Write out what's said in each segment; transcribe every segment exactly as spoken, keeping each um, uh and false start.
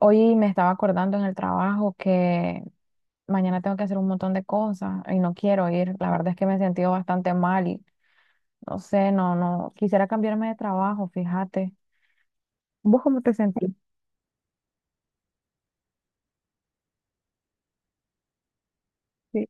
Hoy me estaba acordando en el trabajo que mañana tengo que hacer un montón de cosas y no quiero ir. La verdad es que me he sentido bastante mal y no sé, no, no, quisiera cambiarme de trabajo, fíjate. ¿Vos cómo te sentís? Sí,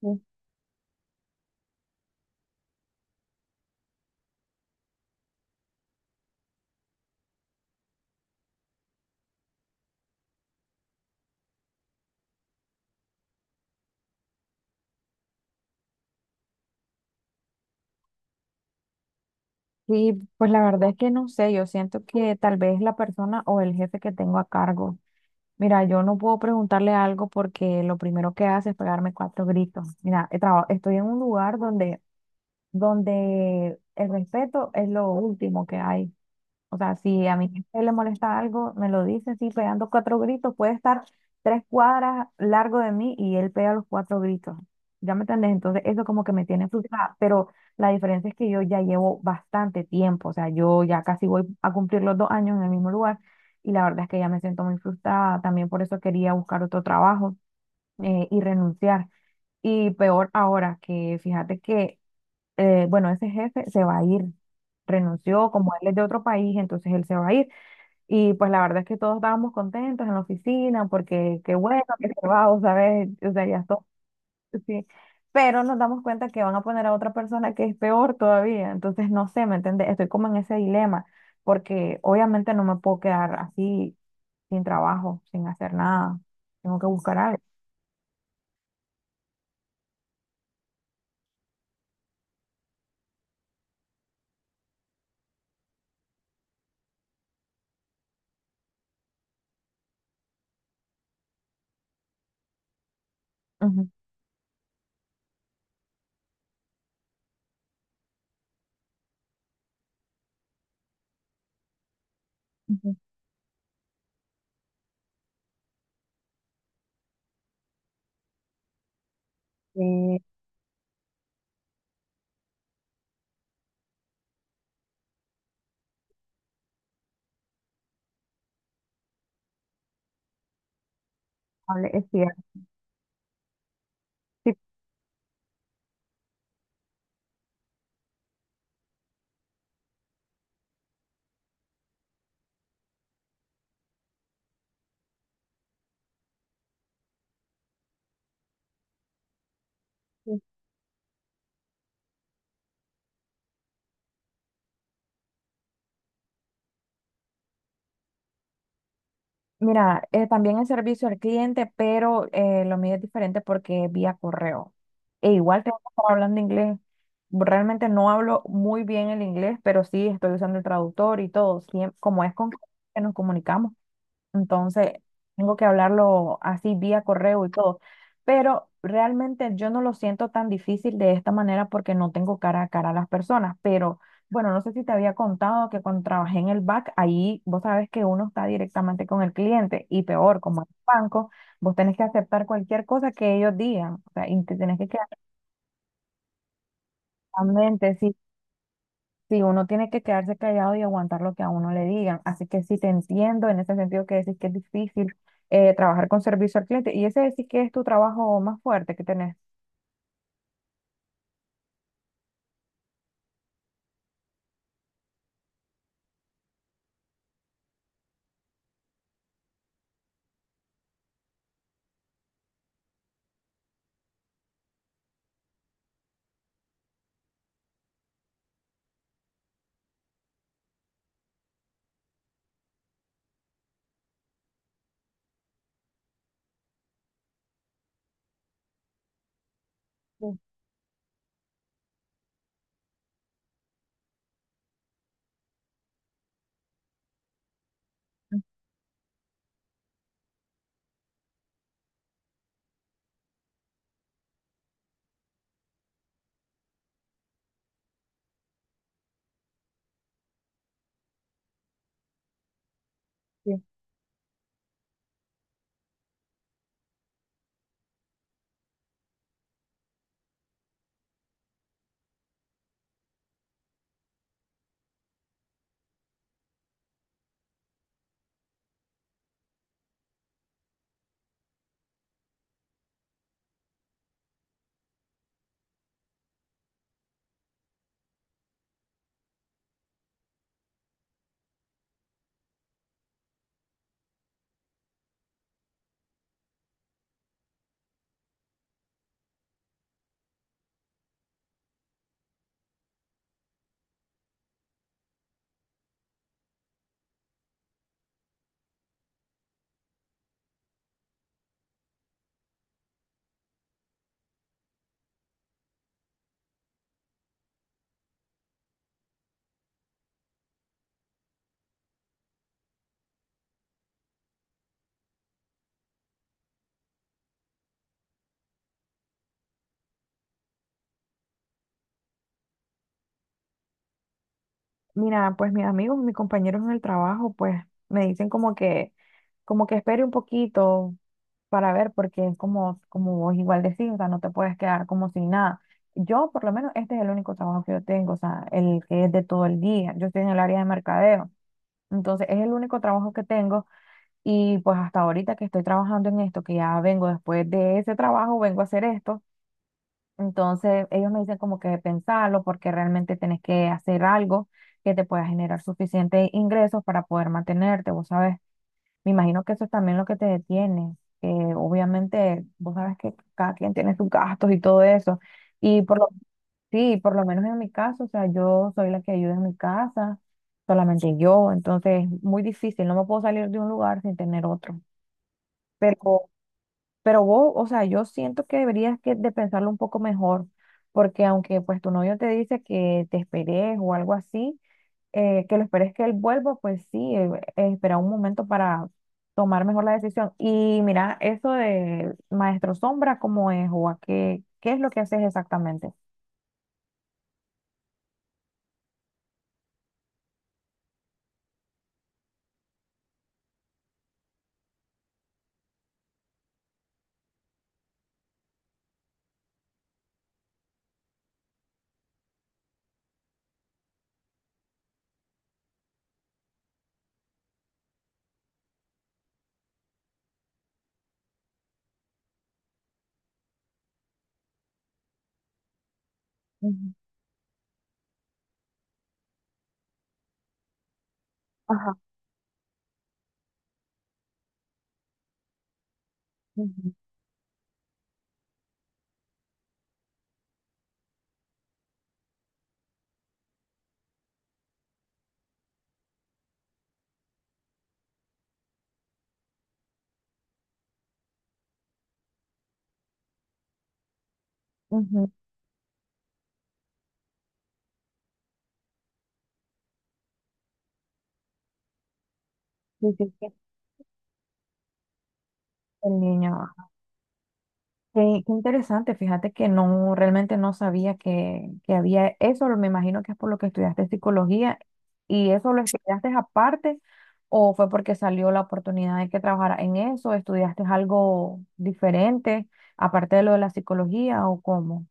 sí. Sí, pues la verdad es que no sé, yo siento que tal vez la persona o el jefe que tengo a cargo. Mira, yo no puedo preguntarle algo porque lo primero que hace es pegarme cuatro gritos. Mira, he traba- estoy en un lugar donde, donde el respeto es lo último que hay. O sea, si a mi jefe le molesta algo, me lo dice así, pegando cuatro gritos. Puede estar tres cuadras largo de mí y él pega los cuatro gritos. ¿Ya me entendés? Entonces, eso como que me tiene frustrada. Pero la diferencia es que yo ya llevo bastante tiempo. O sea, yo ya casi voy a cumplir los dos años en el mismo lugar. Y la verdad es que ya me siento muy frustrada. También por eso quería buscar otro trabajo eh, y renunciar. Y peor ahora, que fíjate que, eh, bueno, ese jefe se va a ir, renunció, como él es de otro país, entonces él se va a ir. Y pues la verdad es que todos estábamos contentos en la oficina porque qué bueno que se va, o ¿sabes? O sea, ya todo, sí. Pero nos damos cuenta que van a poner a otra persona que es peor todavía. Entonces, no sé, ¿me entiendes? Estoy como en ese dilema porque obviamente no me puedo quedar así sin trabajo, sin hacer nada. Tengo que buscar algo. Ujú, ujú. Sí, hable- es cierto. Sí. Mira, eh, también es servicio al cliente, pero eh, lo mío es diferente porque es vía correo. E igual tengo que estar hablando inglés. Realmente no hablo muy bien el inglés, pero sí estoy usando el traductor y todo. Siem- como es con que nos comunicamos. Entonces, tengo que hablarlo así vía correo y todo. Pero realmente yo no lo siento tan difícil de esta manera porque no tengo cara a cara a las personas. Pero bueno, no sé si te había contado que cuando trabajé en el back, ahí vos sabes que uno está directamente con el cliente y peor, como en el banco, vos tenés que aceptar cualquier cosa que ellos digan. O sea, y te tenés que quedar realmente. Sí, uno tiene que quedarse callado y aguantar lo que a uno le digan. Así que sí te entiendo en ese sentido que decís que es difícil eh, trabajar con servicio al cliente. Y ese decís que es tu trabajo más fuerte que tenés. Sí. Sí. Mira, pues mis amigos, mis compañeros en el trabajo, pues me dicen como que, como que espere un poquito para ver, porque es como, como vos igual decís, o sea, no te puedes quedar como sin nada. Yo, por lo menos, este es el único trabajo que yo tengo, o sea, el que es de todo el día. Yo estoy en el área de mercadeo, entonces es el único trabajo que tengo. Y pues hasta ahorita que estoy trabajando en esto, que ya vengo después de ese trabajo, vengo a hacer esto. Entonces ellos me dicen como que pensarlo porque realmente tenés que hacer algo que te pueda generar suficientes ingresos para poder mantenerte, vos sabes. Me imagino que eso es también lo que te detiene, que obviamente vos sabes que cada quien tiene sus gastos y todo eso. Y por lo, sí, por lo menos en mi caso, o sea, yo soy la que ayuda en mi casa, solamente yo, entonces muy difícil, no me puedo salir de un lugar sin tener otro. Pero, pero vos, o sea, yo siento que deberías que de pensarlo un poco mejor, porque aunque pues tu novio te dice que te esperes o algo así, eh, que lo esperes que él vuelva, pues sí, eh, eh, espera un momento para tomar mejor la decisión. Y mira, eso de Maestro Sombra, ¿cómo es? ¿O a qué, qué es lo que haces exactamente? Ujú. Ajá. Ujú, ujú. Sí, sí, sí, el niño. Qué, qué interesante, fíjate que no, realmente no sabía que, que había eso, me imagino que es por lo que estudiaste psicología y eso lo estudiaste aparte, o fue porque salió la oportunidad de que trabajara en eso, estudiaste algo diferente aparte de lo de la psicología o cómo.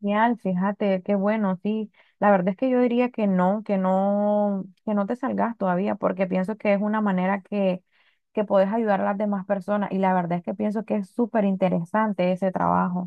Genial, fíjate, qué bueno, sí. La verdad es que yo diría que no, que no, que no te salgas todavía, porque pienso que es una manera que, que puedes ayudar a las demás personas y la verdad es que pienso que es súper interesante ese trabajo.